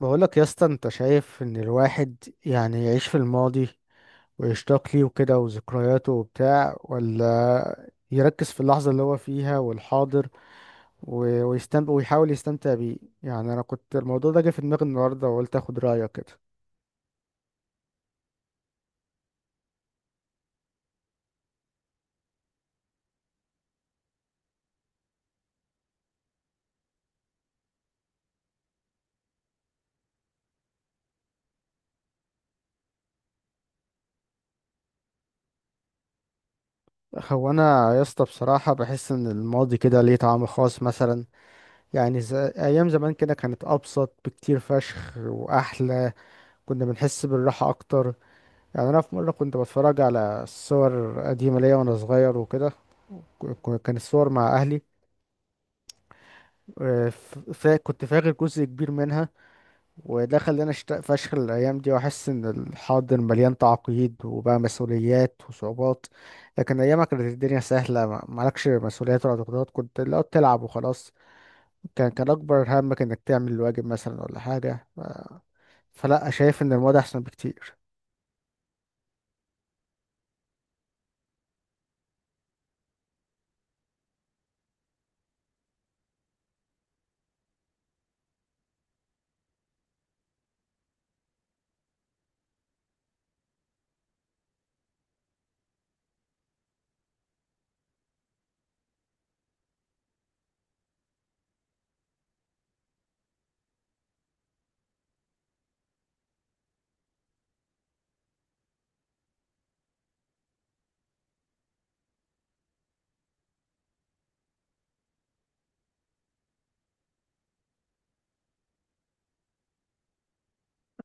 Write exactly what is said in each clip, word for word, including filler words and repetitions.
بقولك يا اسطى، انت شايف ان الواحد يعني يعيش في الماضي ويشتاق ليه وكده وذكرياته وبتاع، ولا يركز في اللحظة اللي هو فيها والحاضر و- ويستمتع ويحاول يستمتع بيه؟ يعني انا كنت الموضوع ده جه في دماغي النهاردة وقلت اخد رأيك كده. هو انا يا اسطى بصراحة بحس ان الماضي كده ليه طعم خاص مثلا. يعني ز... ايام زمان كده كانت ابسط بكتير فشخ واحلى، كنا بنحس بالراحة اكتر. يعني انا في مره كنت بتفرج على صور قديمه ليا وانا صغير وكده، ك- كان الصور مع اهلي. آه، ف- فا- كنت فاكر جزء كبير منها، وده خلاني اشتاق فشخ الايام دي واحس ان الحاضر مليان تعقيد وبقى مسؤوليات وصعوبات. لكن ايامها كانت الدنيا سهله، ما- مالكش مسؤوليات ولا ضغوطات، كنت لو تلعب وخلاص. كان كان اكبر همك انك تعمل الواجب مثلا ولا حاجه. ف- فلا، شايف ان الموضوع احسن بكتير.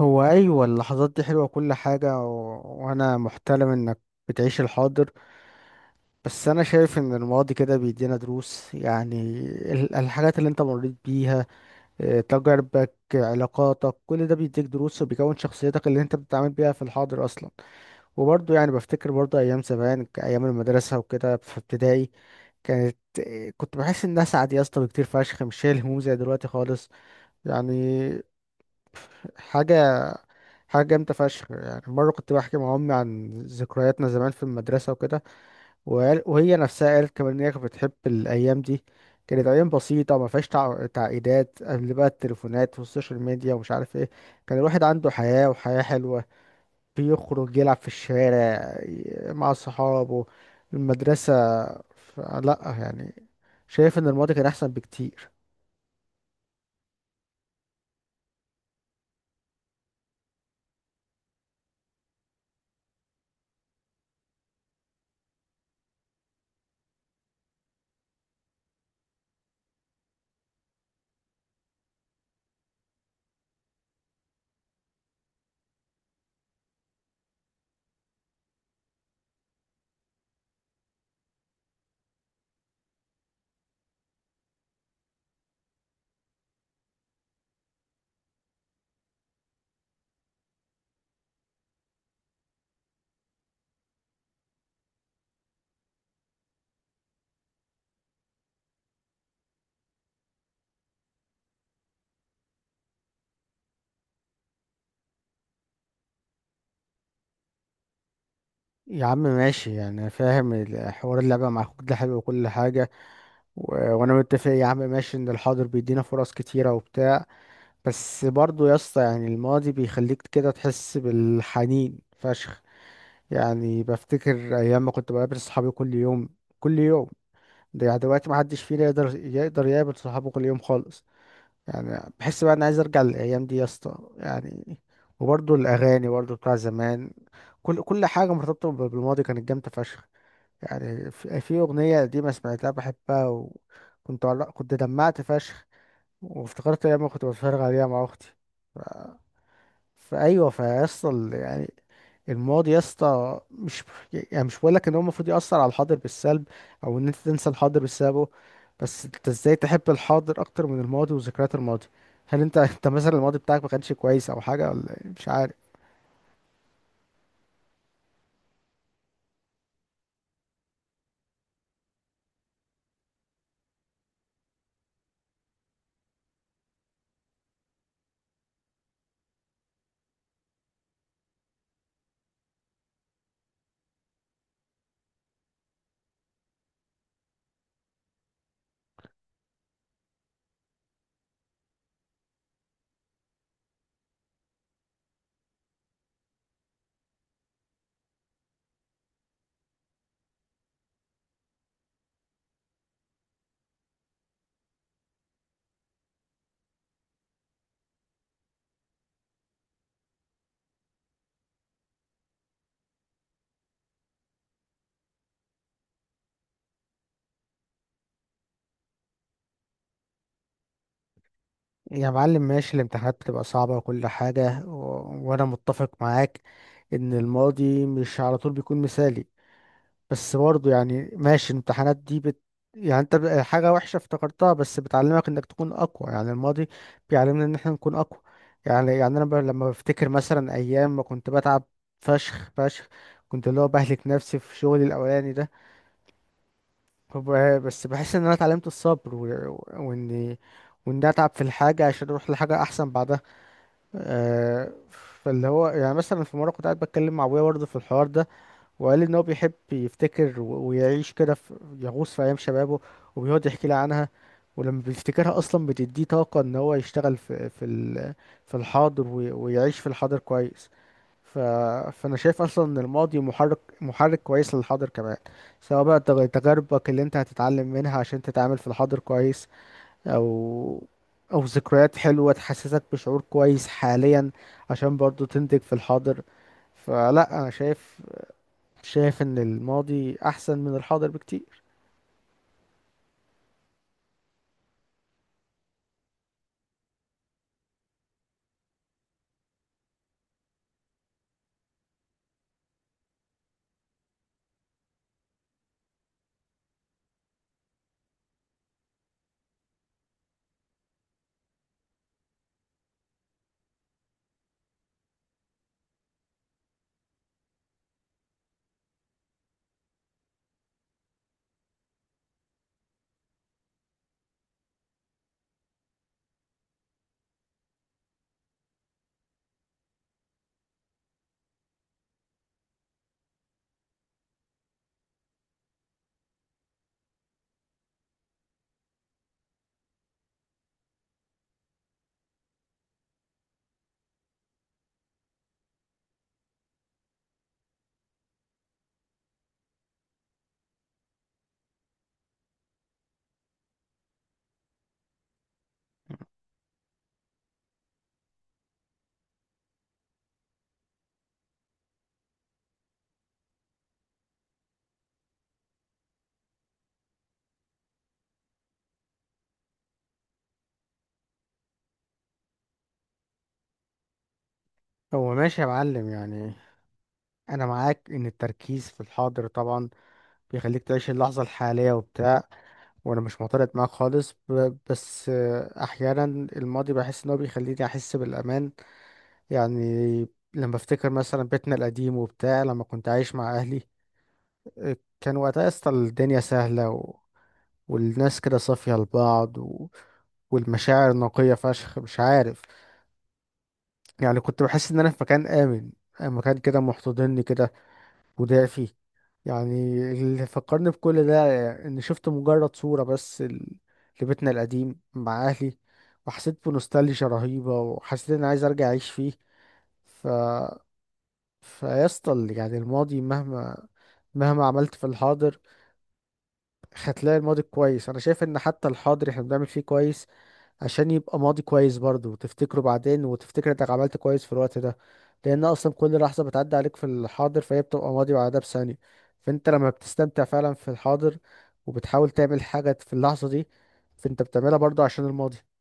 هو أيوة، اللحظات دي حلوة كل حاجة و... وأنا محترم إنك بتعيش الحاضر، بس أنا شايف إن الماضي كده بيدينا دروس. يعني ال- الحاجات اللي أنت مريت بيها، آه، تجاربك، آه، علاقاتك، كل ده بيديك دروس وبيكون شخصيتك اللي أنت بتتعامل بيها في الحاضر أصلا. وبرضه يعني بفتكر برضه أيام زمان، ك- أيام المدرسة وكده في ابتدائي، كانت آه، كنت بحس إنها سعد يا اسطى بكتير فشخ، مش شايل هموم زي دلوقتي خالص. يعني حاجة حاجة جامدة فشخ. يعني مرة كنت بحكي مع أمي عن ذكرياتنا زمان في المدرسة وكده، وقال- وهي نفسها قالت كمان إن هي كانت بتحب الأيام دي. كانت أيام بسيطة ما فيهاش تع- تعقيدات قبل بقى التليفونات والسوشيال ميديا ومش عارف إيه. كان الواحد عنده حياة، وحياة حلوة، بيخرج يلعب في الشارع ي- مع صحابه، المدرسة. ف- لأ يعني، شايف إن الماضي كان أحسن بكتير. يا عم ماشي، يعني أنا فاهم الحوار، اللعبة مع أخوك ده حلو وكل حاجة، و- وانا متفق يا عم ماشي ان الحاضر بيدينا فرص كتيرة وبتاع. بس برضو يا اسطى، يعني الماضي بيخليك كده تحس بالحنين فشخ. يعني بفتكر ايام ما كنت بقابل صحابي كل يوم، كل يوم. ده يعني دلوقتي ما حدش فينا يقدر يقدر يقابل صحابه كل يوم خالص. يعني بحس بقى انا عايز ارجع للايام دي يا اسطى يعني. وبرضو الاغاني برضو بتاع زمان، كل كل حاجة مرتبطة بالماضي كانت جامدة فشخ. يعني في في أغنية قديمة سمعتها بحبها، وكنت عل- كنت دمعت فشخ وافتكرت أيام كنت بتفرج عليها مع أختي. ف- فأيوه فيصل يعني، الماضي يا اسطى مش، يعني مش بقولك إن هو المفروض يأثر على الحاضر بالسلب أو إن أنت تنسى الحاضر بسببه. بس أنت إزاي تحب الحاضر أكتر من الماضي وذكريات الماضي؟ هل أنت أنت مثلا الماضي بتاعك ما كانش كويس أو حاجة، ولا إيه؟ مش عارف. يا معلم ماشي، الامتحانات بتبقى صعبة وكل حاجة، و... وأنا متفق معاك إن الماضي مش على طول بيكون مثالي. بس برضه يعني ماشي، الامتحانات دي بت... يعني أنت ب- حاجة وحشة افتكرتها بس بتعلمك إنك تكون أقوى. يعني الماضي بيعلمنا إن إحنا نكون أقوى. يعني يعني أنا ب... لما بفتكر مثلا أيام ما كنت بتعب فشخ فشخ، كنت اللي هو بهلك نفسي في شغلي الأولاني ده. فب- بس بحس إن أنا اتعلمت الصبر و... و... وإني وإني أتعب في الحاجة عشان أروح لحاجة أحسن بعدها. آه، فاللي هو يعني مثلا في مرة كنت قاعد بتكلم مع أبويا برضه في الحوار ده، وقال لي إن هو بيحب يفتكر و- ويعيش كده في، يغوص في أيام شبابه، وبيقعد يحكي لي عنها. ولما بيفتكرها أصلا بتديه طاقة إن هو يشتغل في في ال- في الحاضر، وي- ويعيش في الحاضر كويس. ف... فأنا شايف أصلا إن الماضي محرك محرك كويس للحاضر كمان، سواء بقى تغ- تجاربك اللي أنت هتتعلم منها عشان تتعامل في الحاضر كويس، او او ذكريات حلوة تحسسك بشعور كويس حاليا عشان برضو تنتج في الحاضر. فلا، انا شايف شايف ان الماضي احسن من الحاضر بكتير. هو ماشي يا معلم، يعني انا معاك ان التركيز في الحاضر طبعا بيخليك تعيش اللحظة الحالية وبتاع، وانا مش معترض معاك خالص، ب- بس آه، احيانا الماضي بحس ان هو بيخليني احس بالامان. يعني لما افتكر مثلا بيتنا القديم وبتاع لما كنت عايش مع اهلي، كان وقتها يا اسطى الدنيا سهلة و... والناس كده صافية لبعض و... والمشاعر نقية فشخ، مش عارف. يعني كنت بحس إن أنا في مكان آمن، مكان كده محتضنني كده، ودافي. يعني اللي فكرني بكل ده إن شفت مجرد صورة بس ال- لبيتنا القديم مع أهلي، وحسيت بنوستالجيا رهيبة، وحسيت إن أنا عايز أرجع أعيش فيه. ف فيسطا يعني الماضي مهما، مهما عملت في الحاضر هتلاقي الماضي كويس. انا شايف ان حتى الحاضر احنا بنعمل فيه كويس عشان يبقى ماضي كويس برضه، وتفتكره بعدين وتفتكر انك عملت كويس في الوقت ده. لان اصلا كل لحظة بتعدي عليك في الحاضر فهي بتبقى ماضي بعدها بثانية. فانت لما بتستمتع فعلا في الحاضر وبتحاول تعمل حاجة في اللحظة دي، فانت بتعملها برضه عشان الماضي.